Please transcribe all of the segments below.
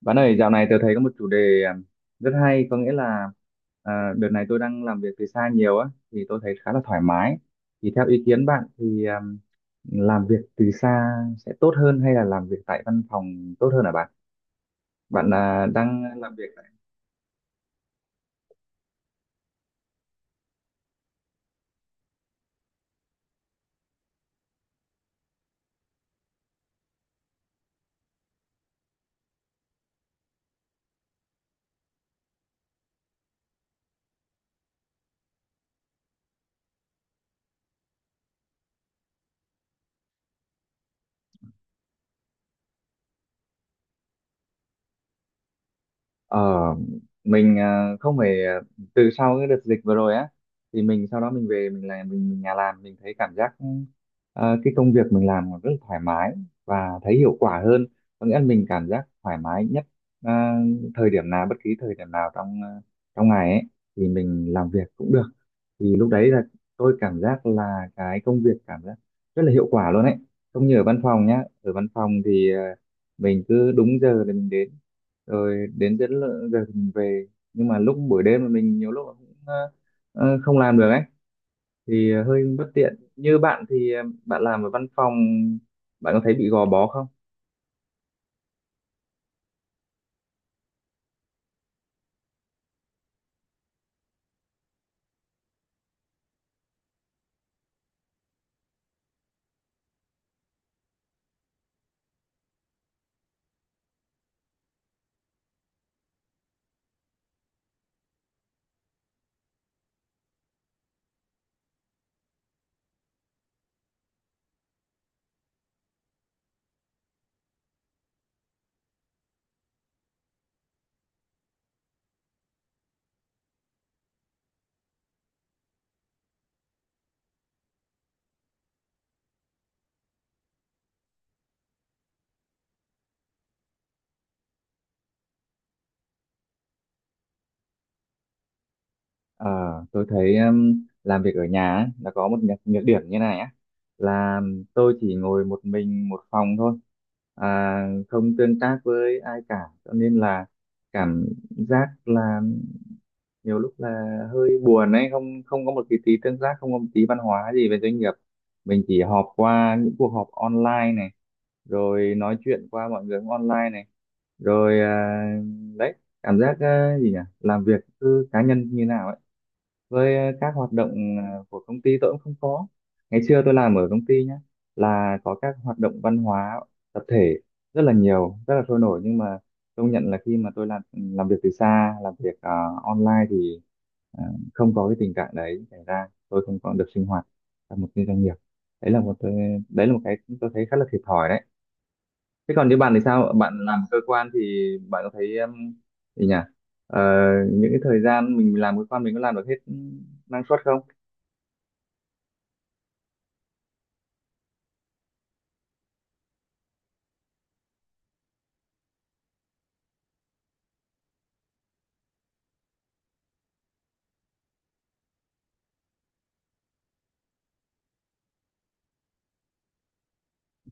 Bạn ơi, dạo này tôi thấy có một chủ đề rất hay, có nghĩa là đợt này tôi đang làm việc từ xa nhiều á, thì tôi thấy khá là thoải mái. Thì theo ý kiến bạn thì làm việc từ xa sẽ tốt hơn hay là làm việc tại văn phòng tốt hơn hả bạn? Bạn đang làm việc. Ờ, mình không phải từ sau cái đợt dịch vừa rồi á, thì mình sau đó mình về mình làm mình nhà làm mình thấy cảm giác cái công việc mình làm rất là thoải mái và thấy hiệu quả hơn, có nghĩa là mình cảm giác thoải mái nhất à, thời điểm nào, bất kỳ thời điểm nào trong trong ngày ấy thì mình làm việc cũng được. Thì lúc đấy là tôi cảm giác là cái công việc cảm giác rất là hiệu quả luôn ấy, không như ở văn phòng nhá. Ở văn phòng thì mình cứ đúng giờ thì mình đến, rồi đến đến lợ- giờ thì mình về, nhưng mà lúc buổi đêm là mình nhiều lúc cũng không làm được ấy, thì hơi bất tiện. Như bạn thì bạn làm ở văn phòng bạn có thấy bị gò bó không? Ờ, tôi thấy làm việc ở nhà ấy, là có một nhược điểm như này á, là tôi chỉ ngồi một mình một phòng thôi, à, không tương tác với ai cả, cho nên là cảm giác là nhiều lúc là hơi buồn ấy, không không có một cái tí tương tác, không có một tí văn hóa gì về doanh nghiệp. Mình chỉ họp qua những cuộc họp online này, rồi nói chuyện qua mọi người online này, rồi đấy, cảm giác gì nhỉ, làm việc cứ cá nhân như nào ấy, với các hoạt động của công ty tôi cũng không có. Ngày xưa tôi làm ở công ty nhé, là có các hoạt động văn hóa tập thể rất là nhiều, rất là sôi nổi, nhưng mà công nhận là khi mà tôi làm làm việc từ xa, làm việc online thì ờ, không có cái tình trạng đấy xảy ra. Tôi không còn được sinh hoạt trong một cái doanh nghiệp. đấy là một tôi đấy là một cái tôi thấy khá là thiệt thòi đấy. Thế còn như bạn thì sao? Bạn làm cơ quan thì bạn có thấy gì nhỉ? Ờ, những cái thời gian mình làm cơ quan mình có làm được hết năng suất không?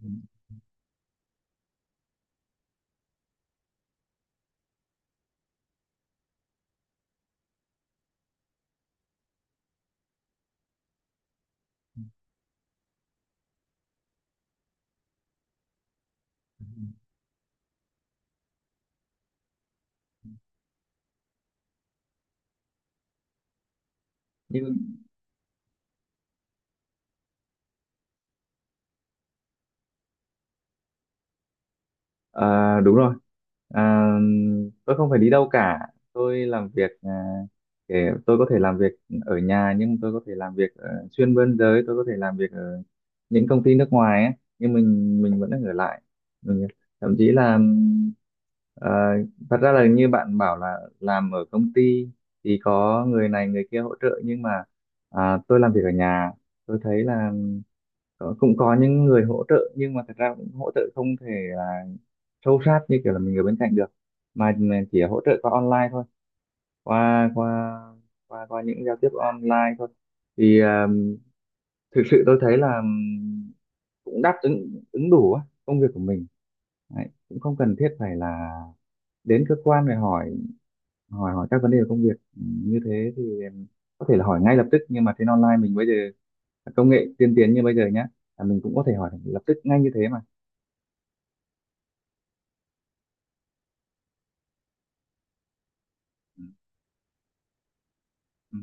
Ừ. Như À, đúng rồi. À, tôi không phải đi đâu cả. Tôi làm việc để tôi có thể làm việc ở nhà, nhưng tôi có thể làm việc xuyên biên giới, tôi có thể làm việc ở những công ty nước ngoài ấy, nhưng mình vẫn ở lại. Mình, thậm chí là ờ, thật ra là như bạn bảo là làm ở công ty thì có người này người kia hỗ trợ, nhưng mà tôi làm việc ở nhà, tôi thấy là cũng có những người hỗ trợ, nhưng mà thật ra cũng hỗ trợ không thể sâu sát như kiểu là mình ở bên cạnh được, mà mình chỉ hỗ trợ qua online thôi, qua qua qua qua những giao tiếp online thôi, thì thực sự tôi thấy là cũng đáp ứng ứng đủ á, công việc của mình. Đấy, cũng không cần thiết phải là đến cơ quan để hỏi hỏi hỏi các vấn đề về công việc. Ừ, như thế thì em có thể là hỏi ngay lập tức, nhưng mà trên online mình bây giờ công nghệ tiên tiến như bây giờ nhá, là mình cũng có thể hỏi lập tức ngay như thế mà. Ừ. Ừ.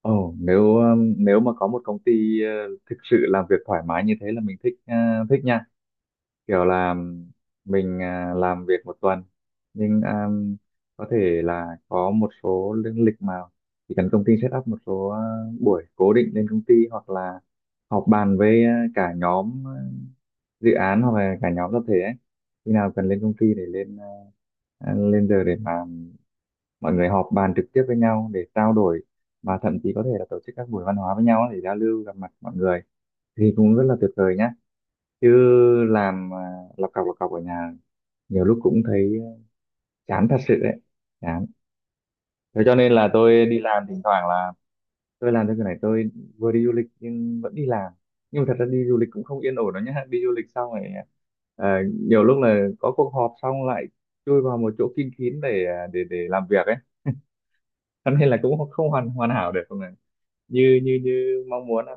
Ồ, nếu nếu mà có một công ty thực sự làm việc thoải mái như thế là mình thích thích nha. Kiểu là mình làm việc một tuần, nhưng có thể là có một số lương lịch, mà chỉ cần công ty set up một số buổi cố định lên công ty, hoặc là họp bàn với cả nhóm dự án, hoặc là cả nhóm tập thể ấy. Khi nào cần lên công ty để lên lên giờ để mà mọi người họp bàn trực tiếp với nhau để trao đổi, và thậm chí có thể là tổ chức các buổi văn hóa với nhau để giao lưu gặp mặt mọi người thì cũng rất là tuyệt vời nhá. Chứ làm lọc cọc ở nhà nhiều lúc cũng thấy chán thật sự đấy, chán. Thế cho nên là tôi đi làm thỉnh thoảng là tôi làm cái này, tôi vừa đi du lịch nhưng vẫn đi làm. Nhưng mà thật ra đi du lịch cũng không yên ổn đâu nhá, đi du lịch xong rồi à, nhiều lúc là có cuộc họp xong lại chui vào một chỗ kín kín để để làm việc ấy, cho nên là cũng không hoàn hoàn hảo được không này, như như như mong muốn ạ.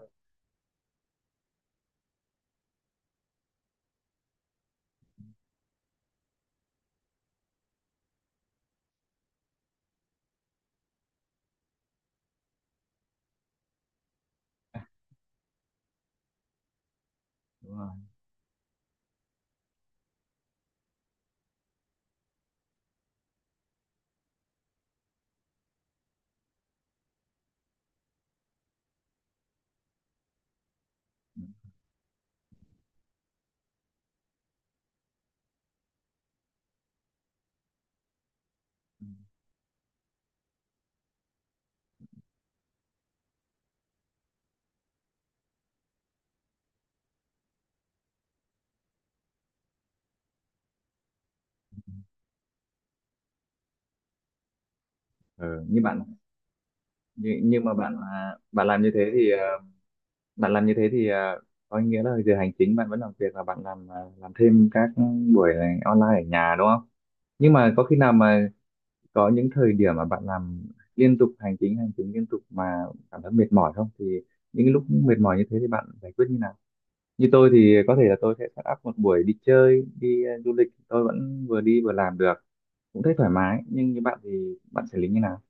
Đúng rồi. Ừ, như bạn như, nhưng mà bạn bạn làm như thế thì à, bạn làm như thế thì có nghĩa là giờ hành chính bạn vẫn làm việc và bạn làm làm thêm các buổi này online ở nhà đúng không? Nhưng mà có khi nào mà có những thời điểm mà bạn làm liên tục hành chính liên tục mà cảm thấy mệt mỏi không, thì những cái lúc mệt mỏi như thế thì bạn giải quyết như nào? Như tôi thì có thể là tôi sẽ set up một buổi đi chơi, đi du lịch, tôi vẫn vừa đi vừa làm được, cũng thấy thoải mái. Nhưng như bạn thì bạn xử lý như nào?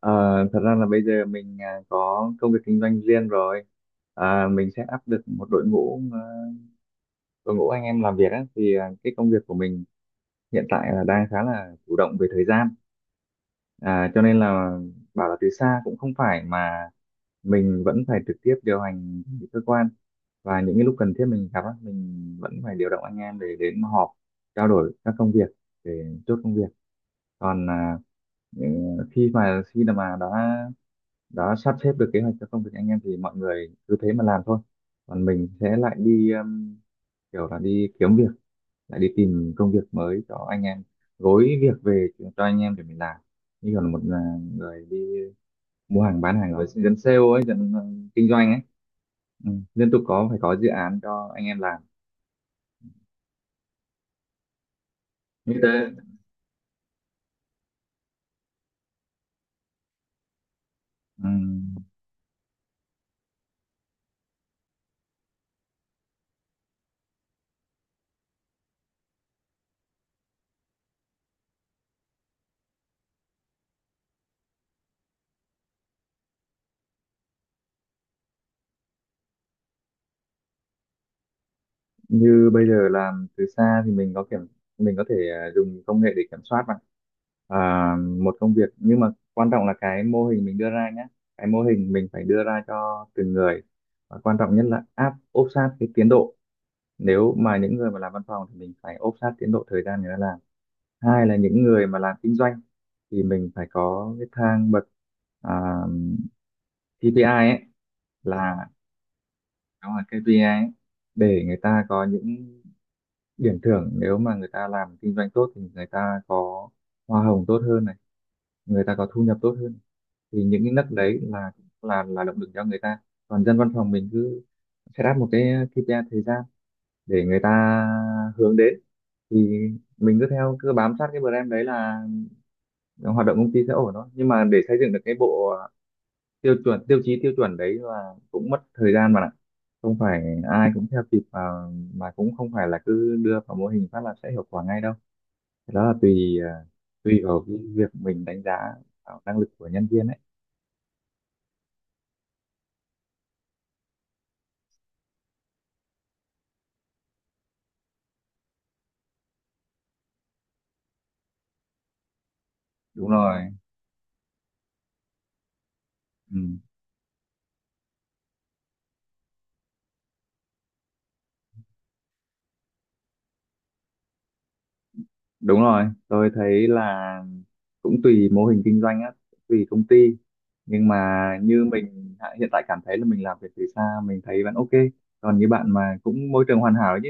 Ờ, thật ra là bây giờ mình có công việc kinh doanh riêng rồi, mình sẽ áp được một đội ngũ, đội ngũ anh em làm việc á, thì cái công việc của mình hiện tại là đang khá là chủ động về thời gian, cho nên là bảo là từ xa cũng không phải, mà mình vẫn phải trực tiếp điều hành cơ quan, và những cái lúc cần thiết mình gặp á, mình vẫn phải điều động anh em để đến họp trao đổi các công việc, để chốt công việc. Còn ừ, khi mà đã sắp xếp được kế hoạch cho công việc anh em thì mọi người cứ thế mà làm thôi, còn mình sẽ lại đi kiểu là đi kiếm việc, lại đi tìm công việc mới cho anh em, gối việc về cho anh em để mình làm. Như còn một người đi mua hàng bán hàng, rồi dân sale ấy, dân kinh doanh ấy, ừ, liên tục có phải có dự án cho anh em làm như thế. Ừ, như bây giờ làm từ xa thì mình có thể dùng công nghệ để kiểm soát bạn à, một công việc, nhưng mà quan trọng là cái mô hình mình đưa ra nhé, cái mô hình mình phải đưa ra cho từng người, và quan trọng nhất là áp ốp sát cái tiến độ. Nếu mà những người mà làm văn phòng thì mình phải ốp sát tiến độ thời gian người ta làm, hai là những người mà làm kinh doanh thì mình phải có cái thang bậc à, KPI ấy, là đó là KPI ấy, để người ta có những điểm thưởng, nếu mà người ta làm kinh doanh tốt thì người ta có hoa hồng tốt hơn này, người ta có thu nhập tốt hơn, thì những cái nấc đấy là là động lực cho người ta. Còn dân văn phòng mình cứ set up một cái KPI thời gian để người ta hướng đến, thì mình cứ theo, cứ bám sát cái brand đấy là hoạt động công ty sẽ ổn thôi. Nhưng mà để xây dựng được cái bộ tiêu chuẩn, tiêu chuẩn đấy là cũng mất thời gian mà ạ, không phải ai cũng theo kịp, và mà cũng không phải là cứ đưa vào mô hình phát là sẽ hiệu quả ngay đâu. Cái đó là tùy tùy vào cái việc mình đánh giá vào năng lực của nhân viên ấy. Đúng rồi. Ừ. Đúng rồi, tôi thấy là cũng tùy mô hình kinh doanh á, tùy công ty, nhưng mà như mình hiện tại cảm thấy là mình làm việc từ xa mình thấy vẫn ok. Còn như bạn mà cũng môi trường hoàn hảo ấy chứ,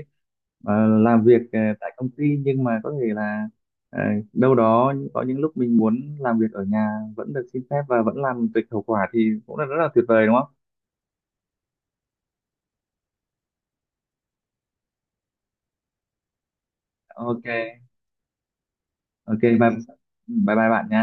Làm việc tại công ty, nhưng mà có thể là ờ, đâu đó có những lúc mình muốn làm việc ở nhà vẫn được xin phép và vẫn làm tùy hiệu quả, thì cũng là rất là tuyệt vời đúng không? Ok. Ok bye, bye bye bạn nhé.